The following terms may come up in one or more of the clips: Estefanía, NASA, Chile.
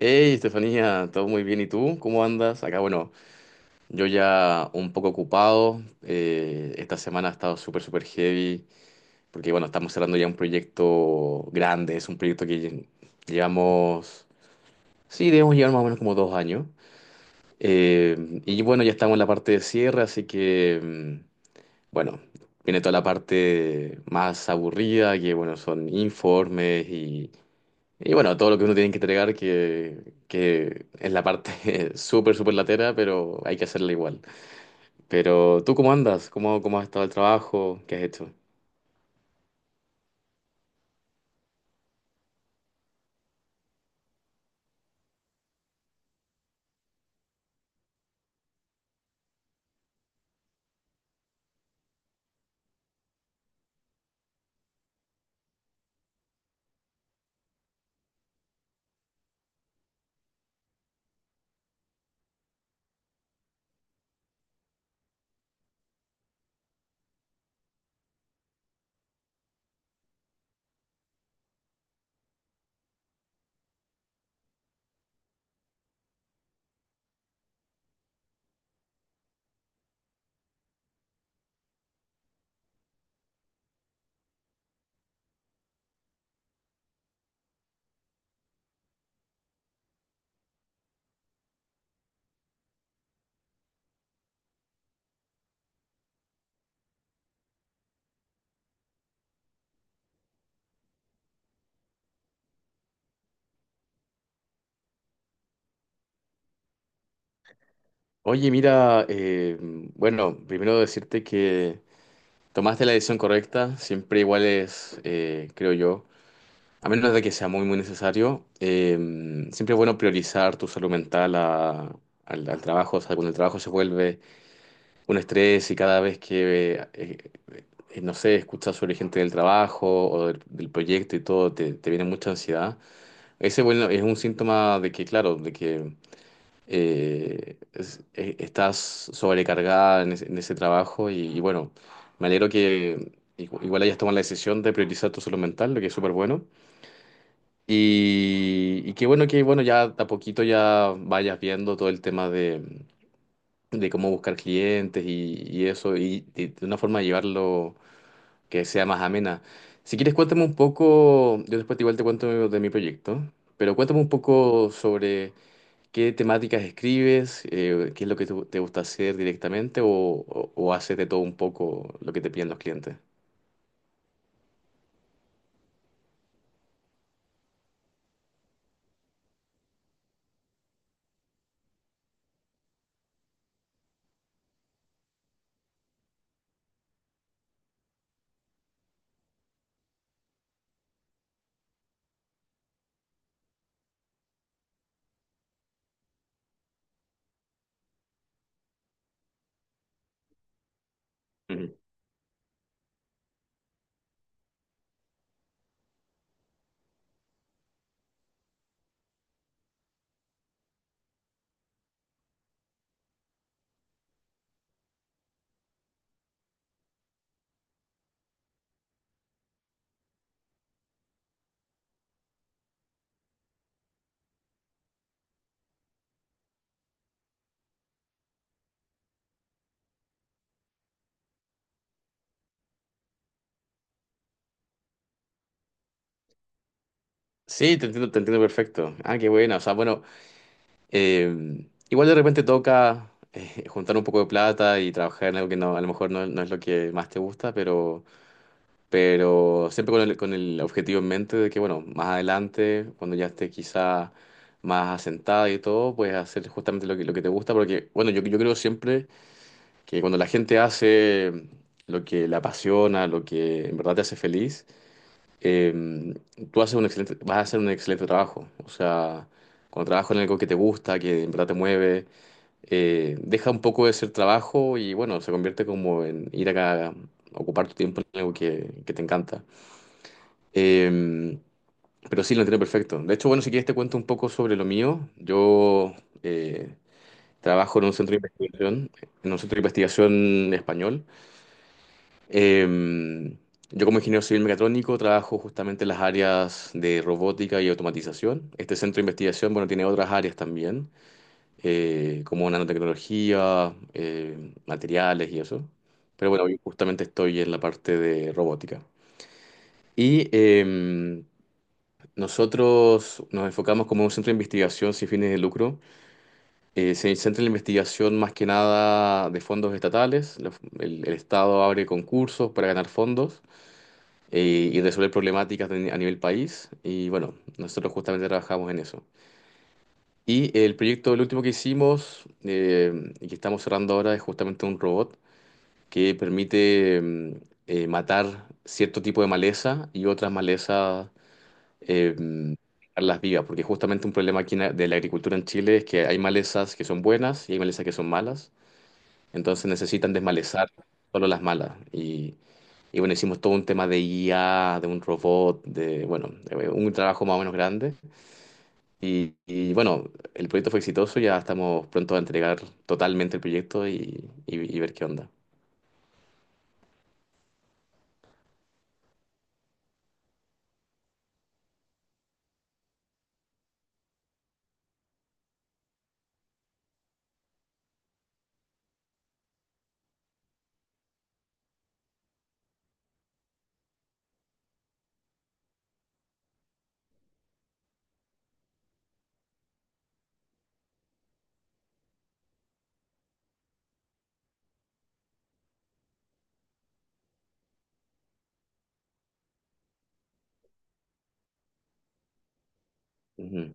Hey, Estefanía, todo muy bien. ¿Y tú? ¿Cómo andas? Acá, bueno, yo ya un poco ocupado. Esta semana ha estado súper heavy, porque, bueno, estamos cerrando ya un proyecto grande. Es un proyecto que llevamos, sí, debemos llevar más o menos como dos años. eh, y bueno, ya estamos en la parte de cierre, así que, bueno, viene toda la parte más aburrida, que, bueno, son informes. Y bueno, todo lo que uno tiene que entregar, que, es la parte súper latera, pero hay que hacerla igual. Pero tú, ¿cómo andas? ¿Cómo has estado el trabajo? ¿Qué has hecho? Oye, mira, bueno, primero decirte que tomaste la decisión correcta, siempre igual es, creo yo, a menos de que sea muy, muy necesario, siempre es bueno priorizar tu salud mental al, al trabajo, o sea, cuando el trabajo se vuelve un estrés y cada vez que, no sé, escuchas sobre gente del trabajo o del, del proyecto y todo, te viene mucha ansiedad. Ese, bueno, es un síntoma de que, claro, de que estás sobrecargada en ese trabajo y bueno, me alegro que igual hayas tomado la decisión de priorizar tu salud mental, lo que es súper bueno. Y qué bueno que, bueno, ya de a poquito ya vayas viendo todo el tema de cómo buscar clientes y eso, y de una forma de llevarlo que sea más amena. Si quieres, cuéntame un poco, yo después igual te cuento de mi proyecto, pero cuéntame un poco sobre qué temáticas escribes, qué es lo que te gusta hacer directamente o, o haces de todo un poco lo que te piden los clientes. Ujú. Sí, te entiendo perfecto. Ah, qué buena. O sea, bueno, igual de repente toca juntar un poco de plata y trabajar en algo que no, a lo mejor no, no es lo que más te gusta, pero siempre con el objetivo en mente de que, bueno, más adelante, cuando ya esté quizá más asentada y todo, puedes hacer justamente lo que te gusta, porque, bueno, yo creo siempre que cuando la gente hace lo que le apasiona, lo que en verdad te hace feliz, eh, tú haces un excelente, vas a hacer un excelente trabajo. O sea, cuando trabajas en algo que te gusta, que en verdad te mueve, deja un poco de ser trabajo y, bueno, se convierte como en ir acá a ocupar tu tiempo en algo que te encanta. Eh, pero sí, lo entiendo perfecto. De hecho, bueno, si quieres te cuento un poco sobre lo mío. Yo eh, trabajo en un centro de investigación, en un centro de investigación español. Eh, yo como ingeniero civil mecatrónico trabajo justamente en las áreas de robótica y automatización. Este centro de investigación, bueno, tiene otras áreas también, como nanotecnología, materiales y eso. Pero bueno, yo justamente estoy en la parte de robótica. Y... em, Nosotros nos enfocamos como un centro de investigación sin fines de lucro. Se centra en la investigación más que nada de fondos estatales. El, el Estado abre concursos para ganar fondos y resolver problemáticas a nivel país. Y bueno, nosotros justamente trabajamos en eso. Y el proyecto, el último que hicimos, y que estamos cerrando ahora, es justamente un robot que permite matar cierto tipo de maleza y otras malezas, eh, las vivas, porque justamente un problema aquí en de la agricultura en Chile es que hay malezas que son buenas y hay malezas que son malas, entonces necesitan desmalezar solo las malas. Y bueno, hicimos todo un tema de IA, de un robot, de, bueno, un trabajo más o menos grande. Y bueno, el proyecto fue exitoso, ya estamos pronto a entregar totalmente el proyecto y, y ver qué onda. Ujú.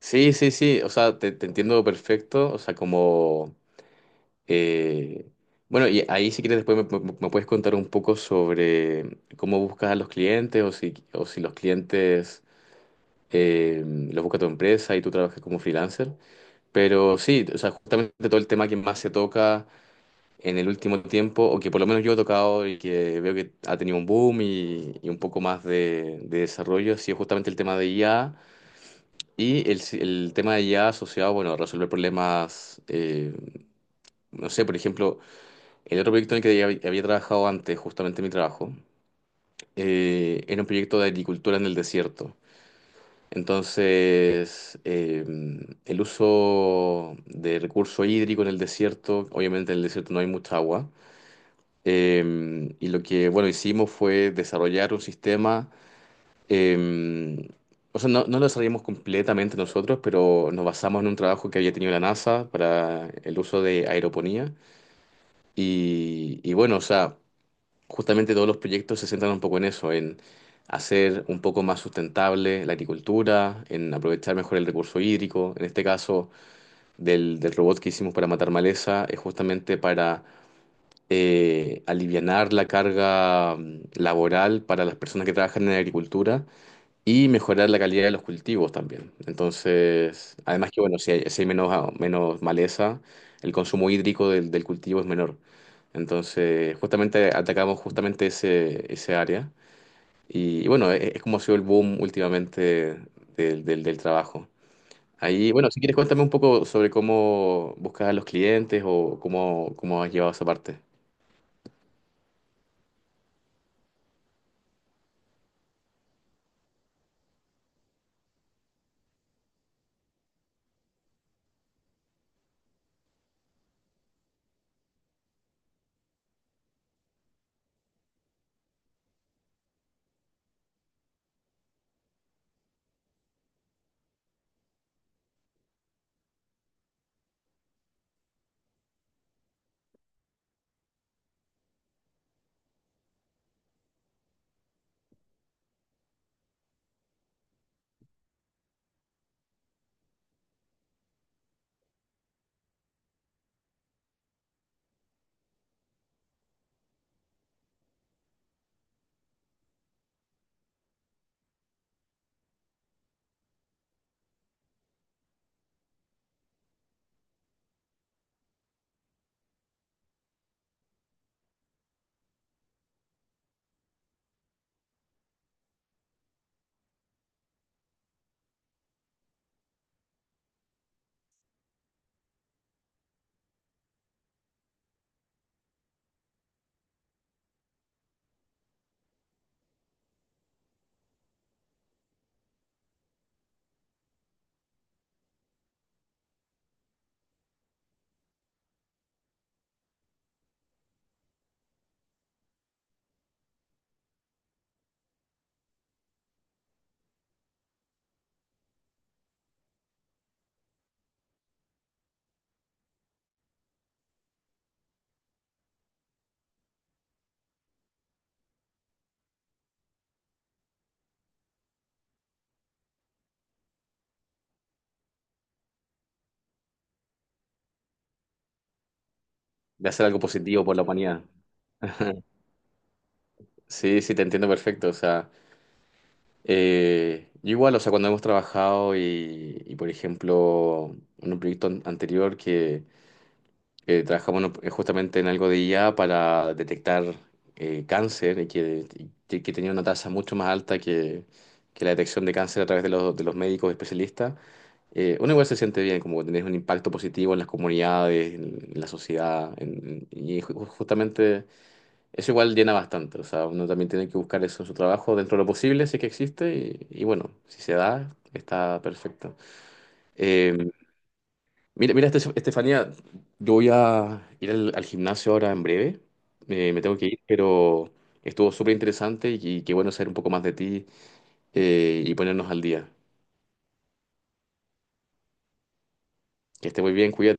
Sí, sí, sí, o sea, te entiendo perfecto, o sea, como... Eh, bueno, y ahí si quieres después me, me puedes contar un poco sobre cómo buscas a los clientes o si los clientes los busca tu empresa y tú trabajas como freelancer. Pero sí, o sea, justamente todo el tema que más se toca en el último tiempo, o que por lo menos yo he tocado y que veo que ha tenido un boom y un poco más de desarrollo, ha sido justamente el tema de IA y el tema de IA asociado, bueno, a resolver problemas, no sé, por ejemplo. El otro proyecto en el que ya había trabajado antes, justamente mi trabajo, era un proyecto de agricultura en el desierto. Entonces, el uso de recurso hídrico en el desierto, obviamente en el desierto no hay mucha agua, y lo que, bueno, hicimos fue desarrollar un sistema, eh, o sea, no, no lo desarrollamos completamente nosotros, pero nos basamos en un trabajo que había tenido la NASA para el uso de aeroponía. Y bueno, o sea... Justamente todos los proyectos se centran un poco en eso, en hacer un poco más sustentable la agricultura, en aprovechar mejor el recurso hídrico. En este caso, del, del robot que hicimos para matar maleza, es justamente para alivianar la carga laboral para las personas que trabajan en la agricultura y mejorar la calidad de los cultivos también. Entonces, además que, bueno, si hay, si hay menos, ah, menos maleza, el consumo hídrico del, del cultivo es menor. Entonces, justamente atacamos justamente ese, ese área. Y bueno, es como ha sido el boom últimamente del, del trabajo. Ahí, bueno, si quieres cuéntame un poco sobre cómo buscas a los clientes o cómo, cómo has llevado esa parte de hacer algo positivo por la humanidad. Sí, sí, te entiendo perfecto. O sea, yo igual, o sea, cuando hemos trabajado y, por ejemplo, en un proyecto anterior que trabajamos justamente en algo de IA para detectar cáncer y que tenía una tasa mucho más alta que la detección de cáncer a través de los médicos especialistas, uno igual se siente bien, como tener un impacto positivo en las comunidades, en la sociedad, y justamente... Eso igual llena bastante, o sea, uno también tiene que buscar eso en su trabajo dentro de lo posible, si es que existe, y bueno, si se da, está perfecto. Eh, Mira, mira, Estefanía, yo voy a ir al, al gimnasio ahora en breve, me tengo que ir, pero estuvo súper interesante y qué bueno saber un poco más de ti, y ponernos al día. Que esté muy bien, cuídate.